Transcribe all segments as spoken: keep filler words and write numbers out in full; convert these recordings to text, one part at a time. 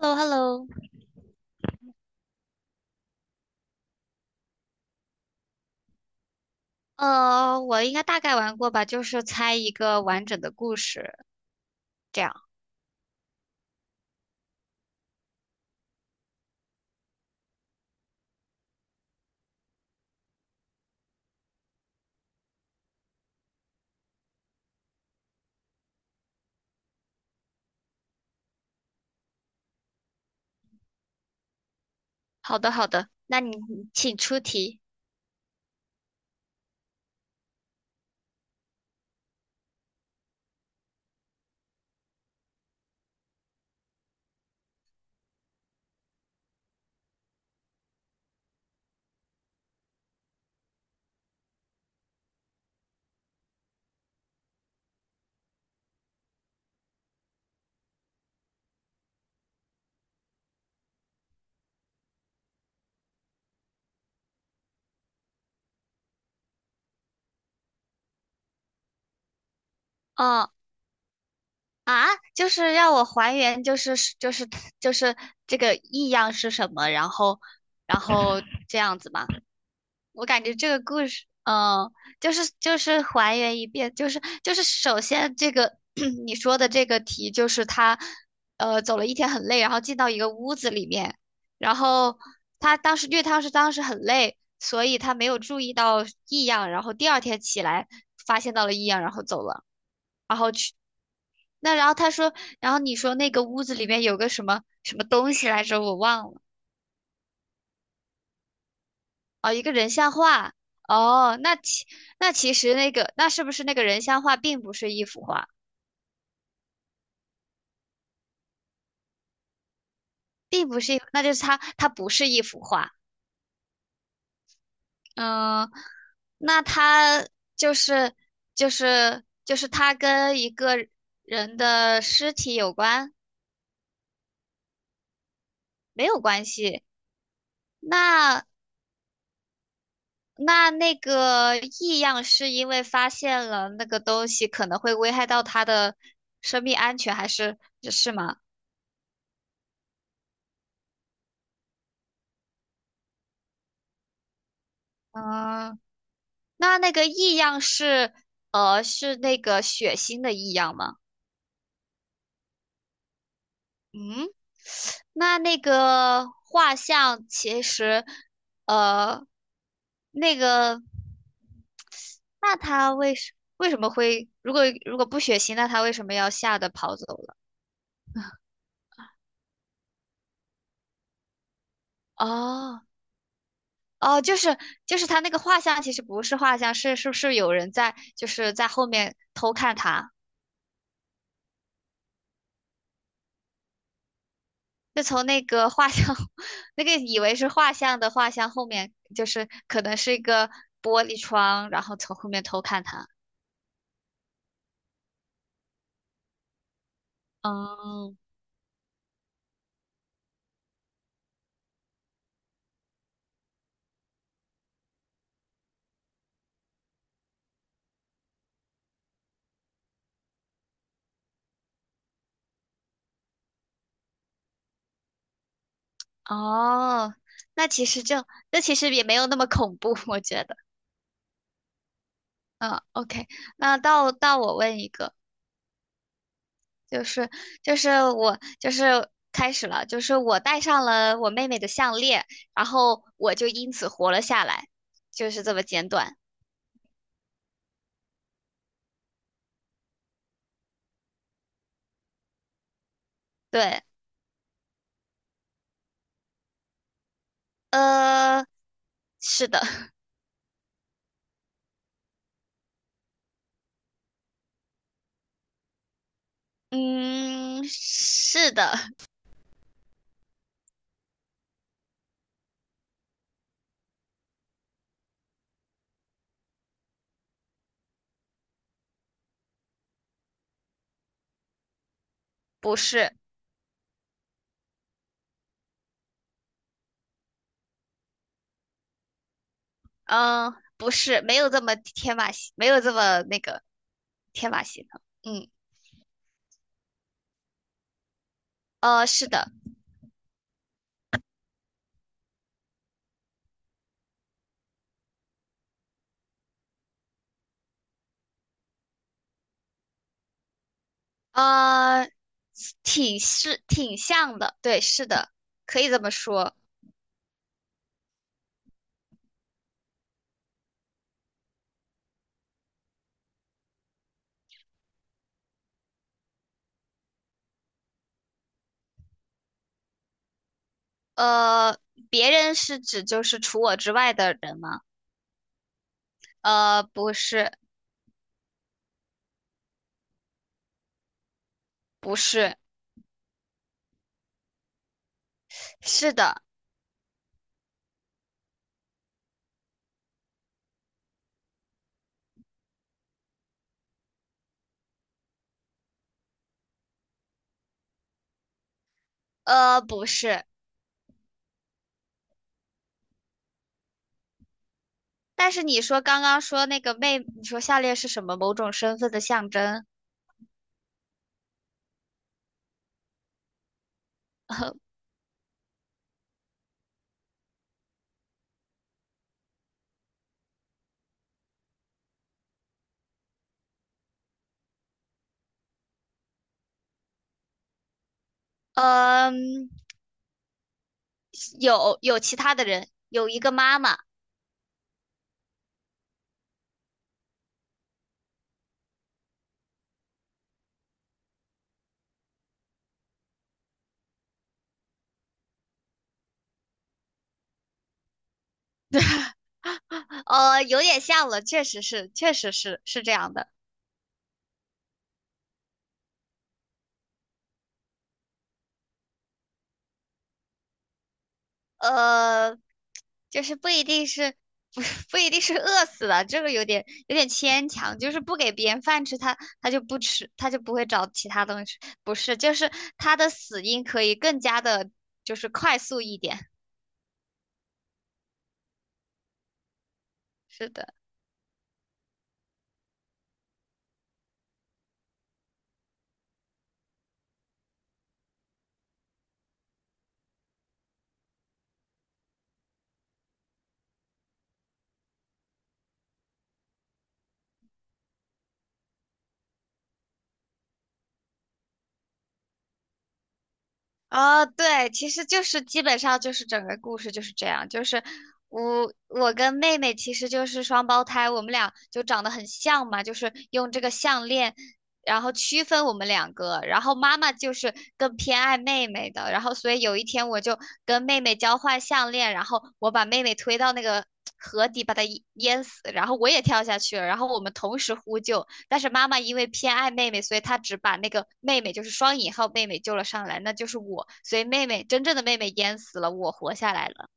h e l l o h e l l o 呃，我应该大概玩过吧，就是猜一个完整的故事，这样。好的，好的，那你请出题。哦，啊，就是让我还原，就是就是就是这个异样是什么，然后然后这样子吗？我感觉这个故事，嗯，就是就是还原一遍，就是就是首先这个 你说的这个题，就是他呃走了一天很累，然后进到一个屋子里面，然后他当时因为他是当时很累，所以他没有注意到异样，然后第二天起来发现到了异样，然后走了。那然后他说，然后你说那个屋子里面有个什么什么东西来着，我忘了。哦，一个人像画。哦，那其那其实那个那是不是那个人像画并不是一幅画，并不是一，那就是它它不是一幅画。嗯，那它就是就是就是它跟一个人的尸体有关，没有关系。那那那个异样是因为发现了那个东西可能会危害到他的生命安全，还是是吗？嗯。那那个异样是呃是那个血腥的异样吗？嗯，那那个画像其实呃那个那他为什为什么会如果如果不血腥，那他为什么要吓得跑走了？哦哦，就是就是他那个画像其实不是画像，是是不是有人在就是在后面偷看他？就从那个画像，那个以为是画像的画像后面，就是可能是一个玻璃窗，然后从后面偷看他。嗯，哦，那其实就，那其实也没有那么恐怖，我觉得。嗯，OK,那到到我问一个，就是就是我就是开始了，就是我戴上了我妹妹的项链，然后我就因此活了下来，就是这么简短。对，呃，是的。嗯，是的，不是，嗯，不是，没有这么天马行，没有这么那个天马行空。嗯，呃，是的，呃，挺是挺像的，对，是的，可以这么说。呃，别人是指就是除我之外的人吗？呃，不是，不是，是的，呃，不是。但是你说刚刚说那个妹，你说下列是什么某种身份的象征？呃嗯。有有其他的人，有一个妈妈，呃，有点像了，确实是，确实是是这样的，呃，就是不一定是不不一定是饿死的，这个有点有点牵强，就是不给别人饭吃，他他就不吃，他就不会找其他东西，不是，就是他的死因可以更加的，就是快速一点，是的。哦，对，其实就是基本上就是整个故事就是这样，就是我我跟妹妹其实就是双胞胎，我们俩就长得很像嘛，就是用这个项链，然后区分我们两个，然后妈妈就是更偏爱妹妹的，然后所以有一天我就跟妹妹交换项链，然后我把妹妹推到那个 河底把她淹淹死，然后我也跳下去了，然后我们同时呼救，但是妈妈因为偏爱妹妹，所以她只把那个妹妹，就是双引号妹妹救了上来，那就是我。所以妹妹真正的妹妹淹死了，我活下来了。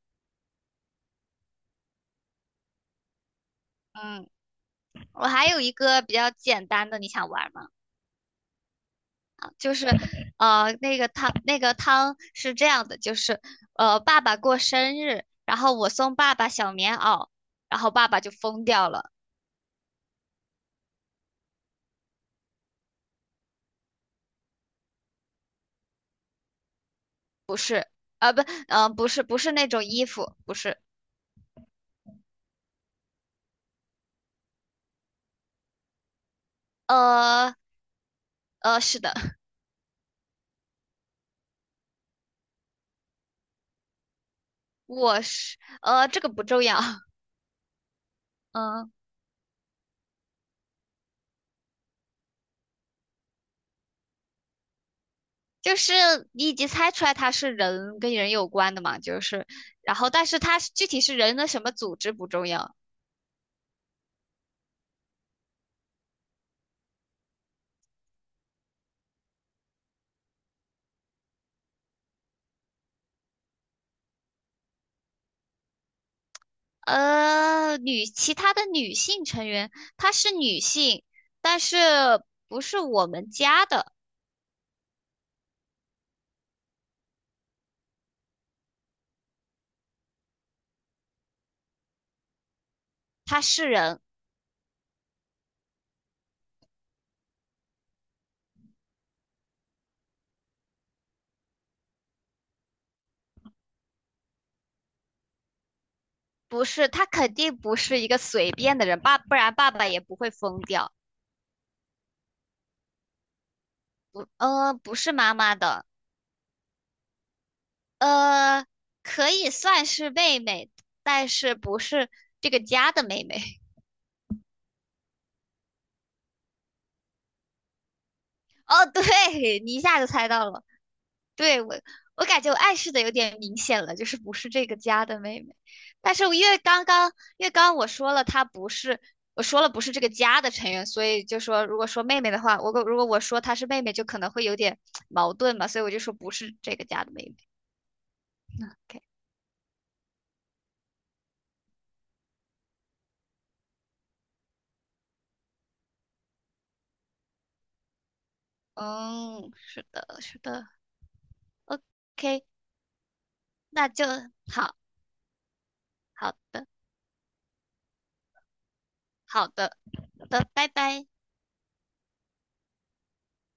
嗯，我还有一个比较简单的，你想玩吗？就是 呃，那个汤，那个汤是这样的，就是，呃，爸爸过生日，然后我送爸爸小棉袄，然后爸爸就疯掉了。啊，不，呃，不是，不是那种衣服，不是，呃，呃，是的，我是，呃，这个不重要，嗯、就是你已经猜出来它是人跟人有关的嘛，就是，然后但是它是具体是人的什么组织不重要，呃，女其他的女性成员，她是女性，但是不是我们家的，她是人，不是，她肯定不是一个随便的人，爸，不然爸爸也不会疯掉，呃，不是妈妈的，呃，可以算是妹妹，但是不是这个家的妹妹。哦，对，你一下就猜到了。对，我我感觉我暗示的有点明显了，就是不是这个家的妹妹。但是我因为刚刚因为刚刚我说了她不是，我说了不是这个家的成员，所以就说如果说妹妹的话，我如果我说她是妹妹，就可能会有点矛盾嘛，所以我就说不是这个家的妹妹。OK,嗯，是的，是的，OK,那就好，好的，好的，好的，拜拜。